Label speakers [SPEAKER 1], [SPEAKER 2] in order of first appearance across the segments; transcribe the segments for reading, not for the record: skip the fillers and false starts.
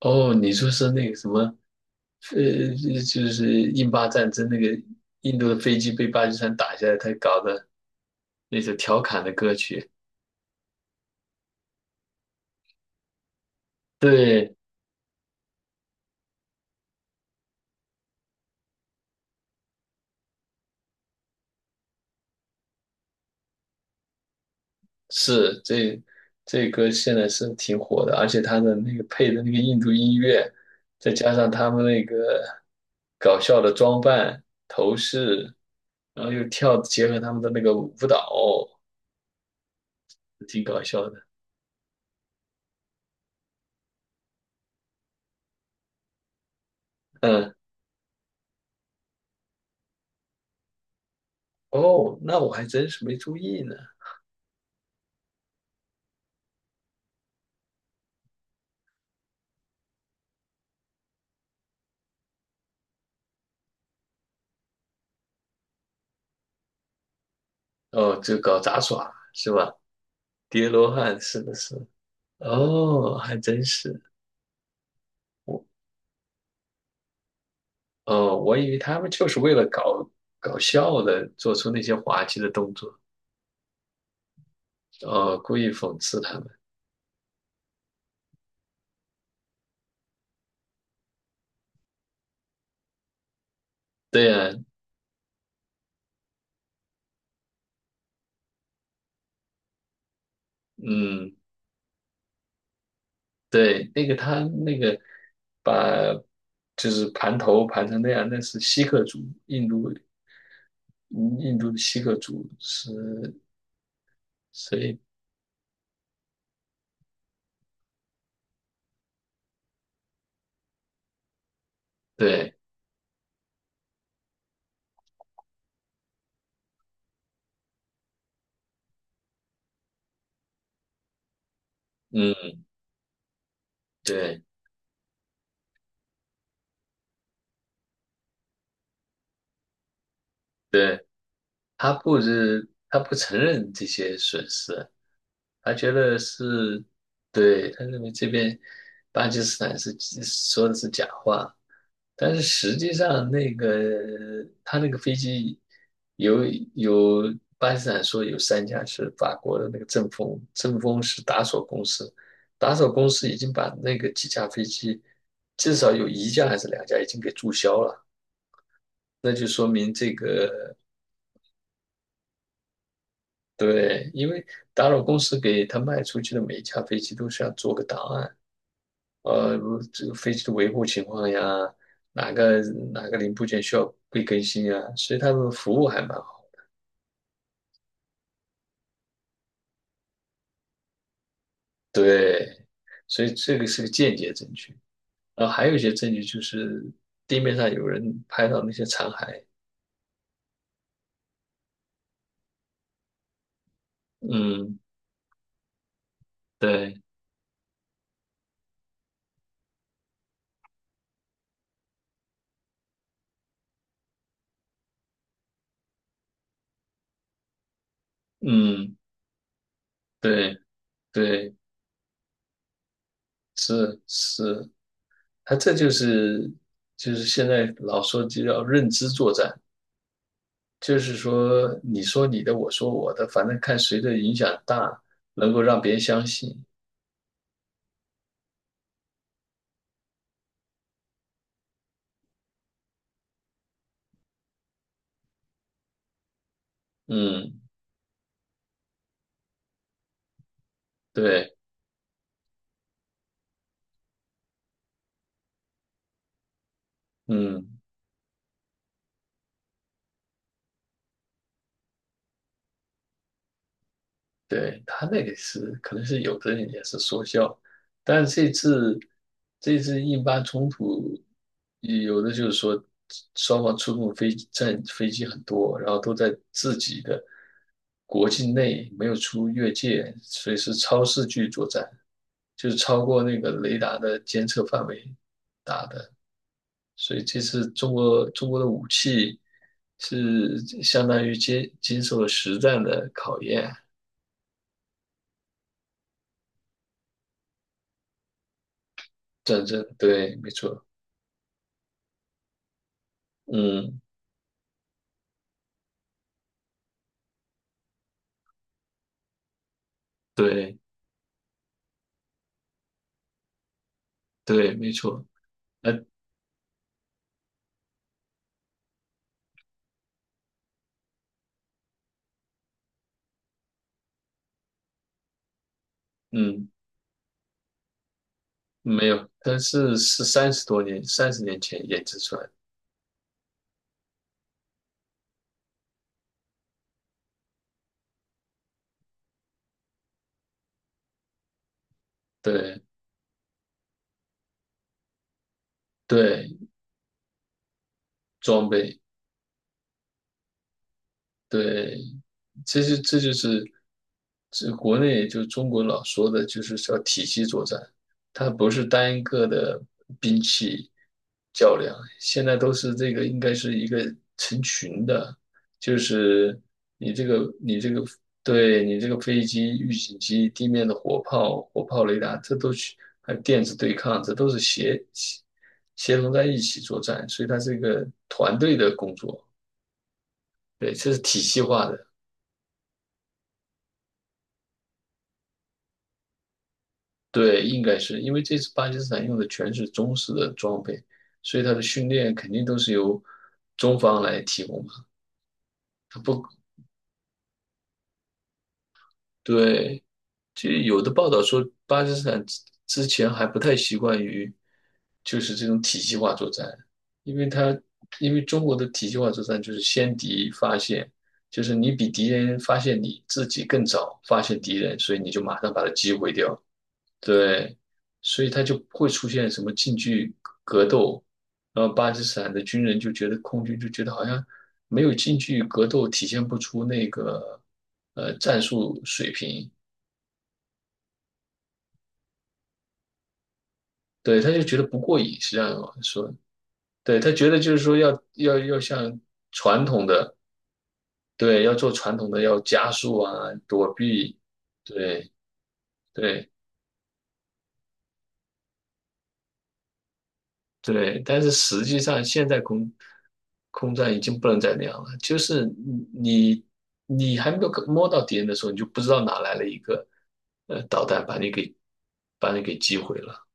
[SPEAKER 1] 哦，你说是那个什么，呃，就是印巴战争那个印度的飞机被巴基斯坦打下来，他搞的那首调侃的歌曲。对，是这歌现在是挺火的，而且他的那个配的那个印度音乐，再加上他们那个搞笑的装扮、头饰，然后又跳，结合他们的那个舞蹈，挺搞笑的。嗯。哦，那我还真是没注意呢。哦，就搞杂耍是吧？叠罗汉，是的，是的。哦，还真是。我，哦，我以为他们就是为了搞笑的，做出那些滑稽的动作。哦，故意讽刺他们。对呀。嗯。对，那个他那个把就是盘头盘成那样，那是锡克族，印度嗯印度的锡克族是，所以对。嗯。对对，他不是他不承认这些损失。他觉得是，对，他认为这边巴基斯坦是说的是假话，但是实际上那个他那个飞机有有巴基斯坦说有三架是法国的那个阵风，阵风是达索公司，达索公司已经把那个几架飞机至少有一架还是两架已经给注销了。对，因为达索公司给他卖出去的每一架飞机都是要做个档案。呃，这个飞机的维护情况呀，哪个哪个零部件需要被更新啊，所以他们服务还蛮好。对，所以这个是个间接证据。然后还有一些证据就是地面上有人拍到那些残骸。嗯。对。嗯。对，对，是是。他这就是现在老说就叫认知作战，就是说你说你的，我说我的，反正看谁的影响大，能够让别人相信。嗯。对。嗯。对，他那个是可能是有的人也是说笑，但是这次印巴冲突，有的就是说双方出动飞机很多，然后都在自己的国境内没有出越界，所以是超视距作战，就是超过那个雷达的监测范围。打的。所以这次中国的武器是相当于经受了实战的考验。战争，对，没错。嗯。对对，没错。呃嗯，没有，但是是三十多年三十年前研制出来的。对对，装备。对，这就是这国内就中国老说的，就是叫体系作战。它不是单一个的兵器较量，现在都是这个应该是一个成群的，就是你这个，对，你这个飞机、预警机、地面的火炮、火炮雷达，这都去还有电子对抗，这都是协同在一起作战，所以它是一个团队的工作。对，这是体系化的。对，应该是因为这次巴基斯坦用的全是中式的装备，所以他的训练肯定都是由中方来提供嘛。他不，对，就有的报道说巴基斯坦之前还不太习惯于就是这种体系化作战，因为他因为中国的体系化作战就是先敌发现，就是你比敌人发现你自己更早发现敌人，所以你就马上把它击毁掉。对，所以他就不会出现什么近距格斗。然后巴基斯坦的军人就觉得，空军就觉得好像没有近距格斗，体现不出那个战术水平。对，他就觉得不过瘾。实际上说，对，他觉得就是说要像传统的。对，要做传统的，要加速啊，躲避，对对。对，但是实际上现在空战已经不能再那样了，就是你你还没有摸到敌人的时候，你就不知道哪来了一个导弹把你给击毁了。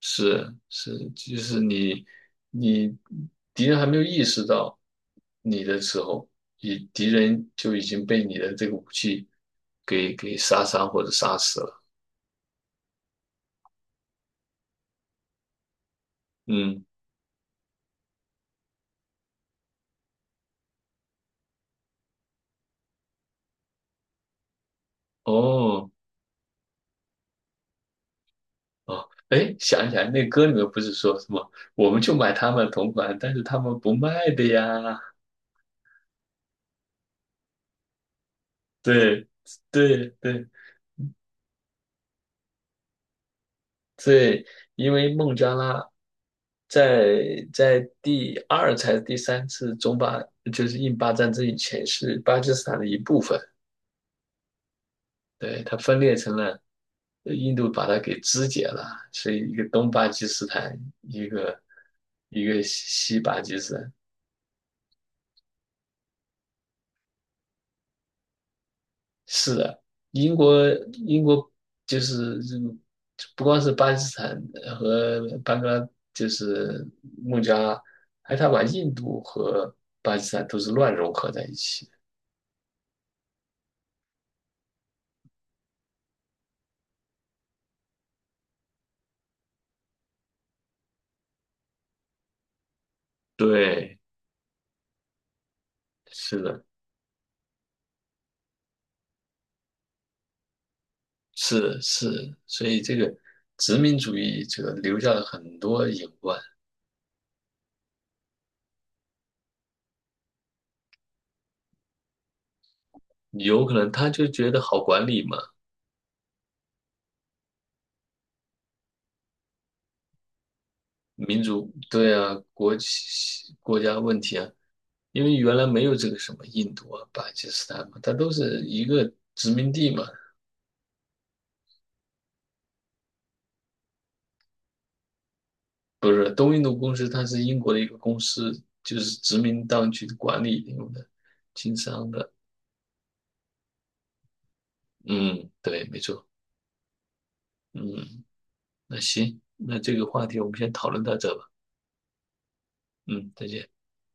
[SPEAKER 1] 是是，就是你敌人还没有意识到你的时候，你敌人就已经被你的这个武器给杀伤或者杀死了。嗯。哦。哦，哎，想起来那歌里面不是说什么，我们就买他们同款，但是他们不卖的呀。对，对，对，对，因为孟加拉在第二才是第三次中巴，就是印巴战争以前是巴基斯坦的一部分。对，它分裂成了，印度把它给肢解了，是一个东巴基斯坦，一个一个西巴基斯坦。是的，英国英国就是这种不光是巴基斯坦和班嘎，就是孟加拉，还他把印度和巴基斯坦都是乱融合在一起。对，是的，是是，所以这个殖民主义者留下了很多隐患，有可能他就觉得好管理嘛，民族对啊，国家问题啊，因为原来没有这个什么印度啊、巴基斯坦嘛，它都是一个殖民地嘛。不是，东印度公司它是英国的一个公司，就是殖民当局管理用的，经商的。嗯，对，没错。嗯，那行，那这个话题我们先讨论到这吧。嗯，再见。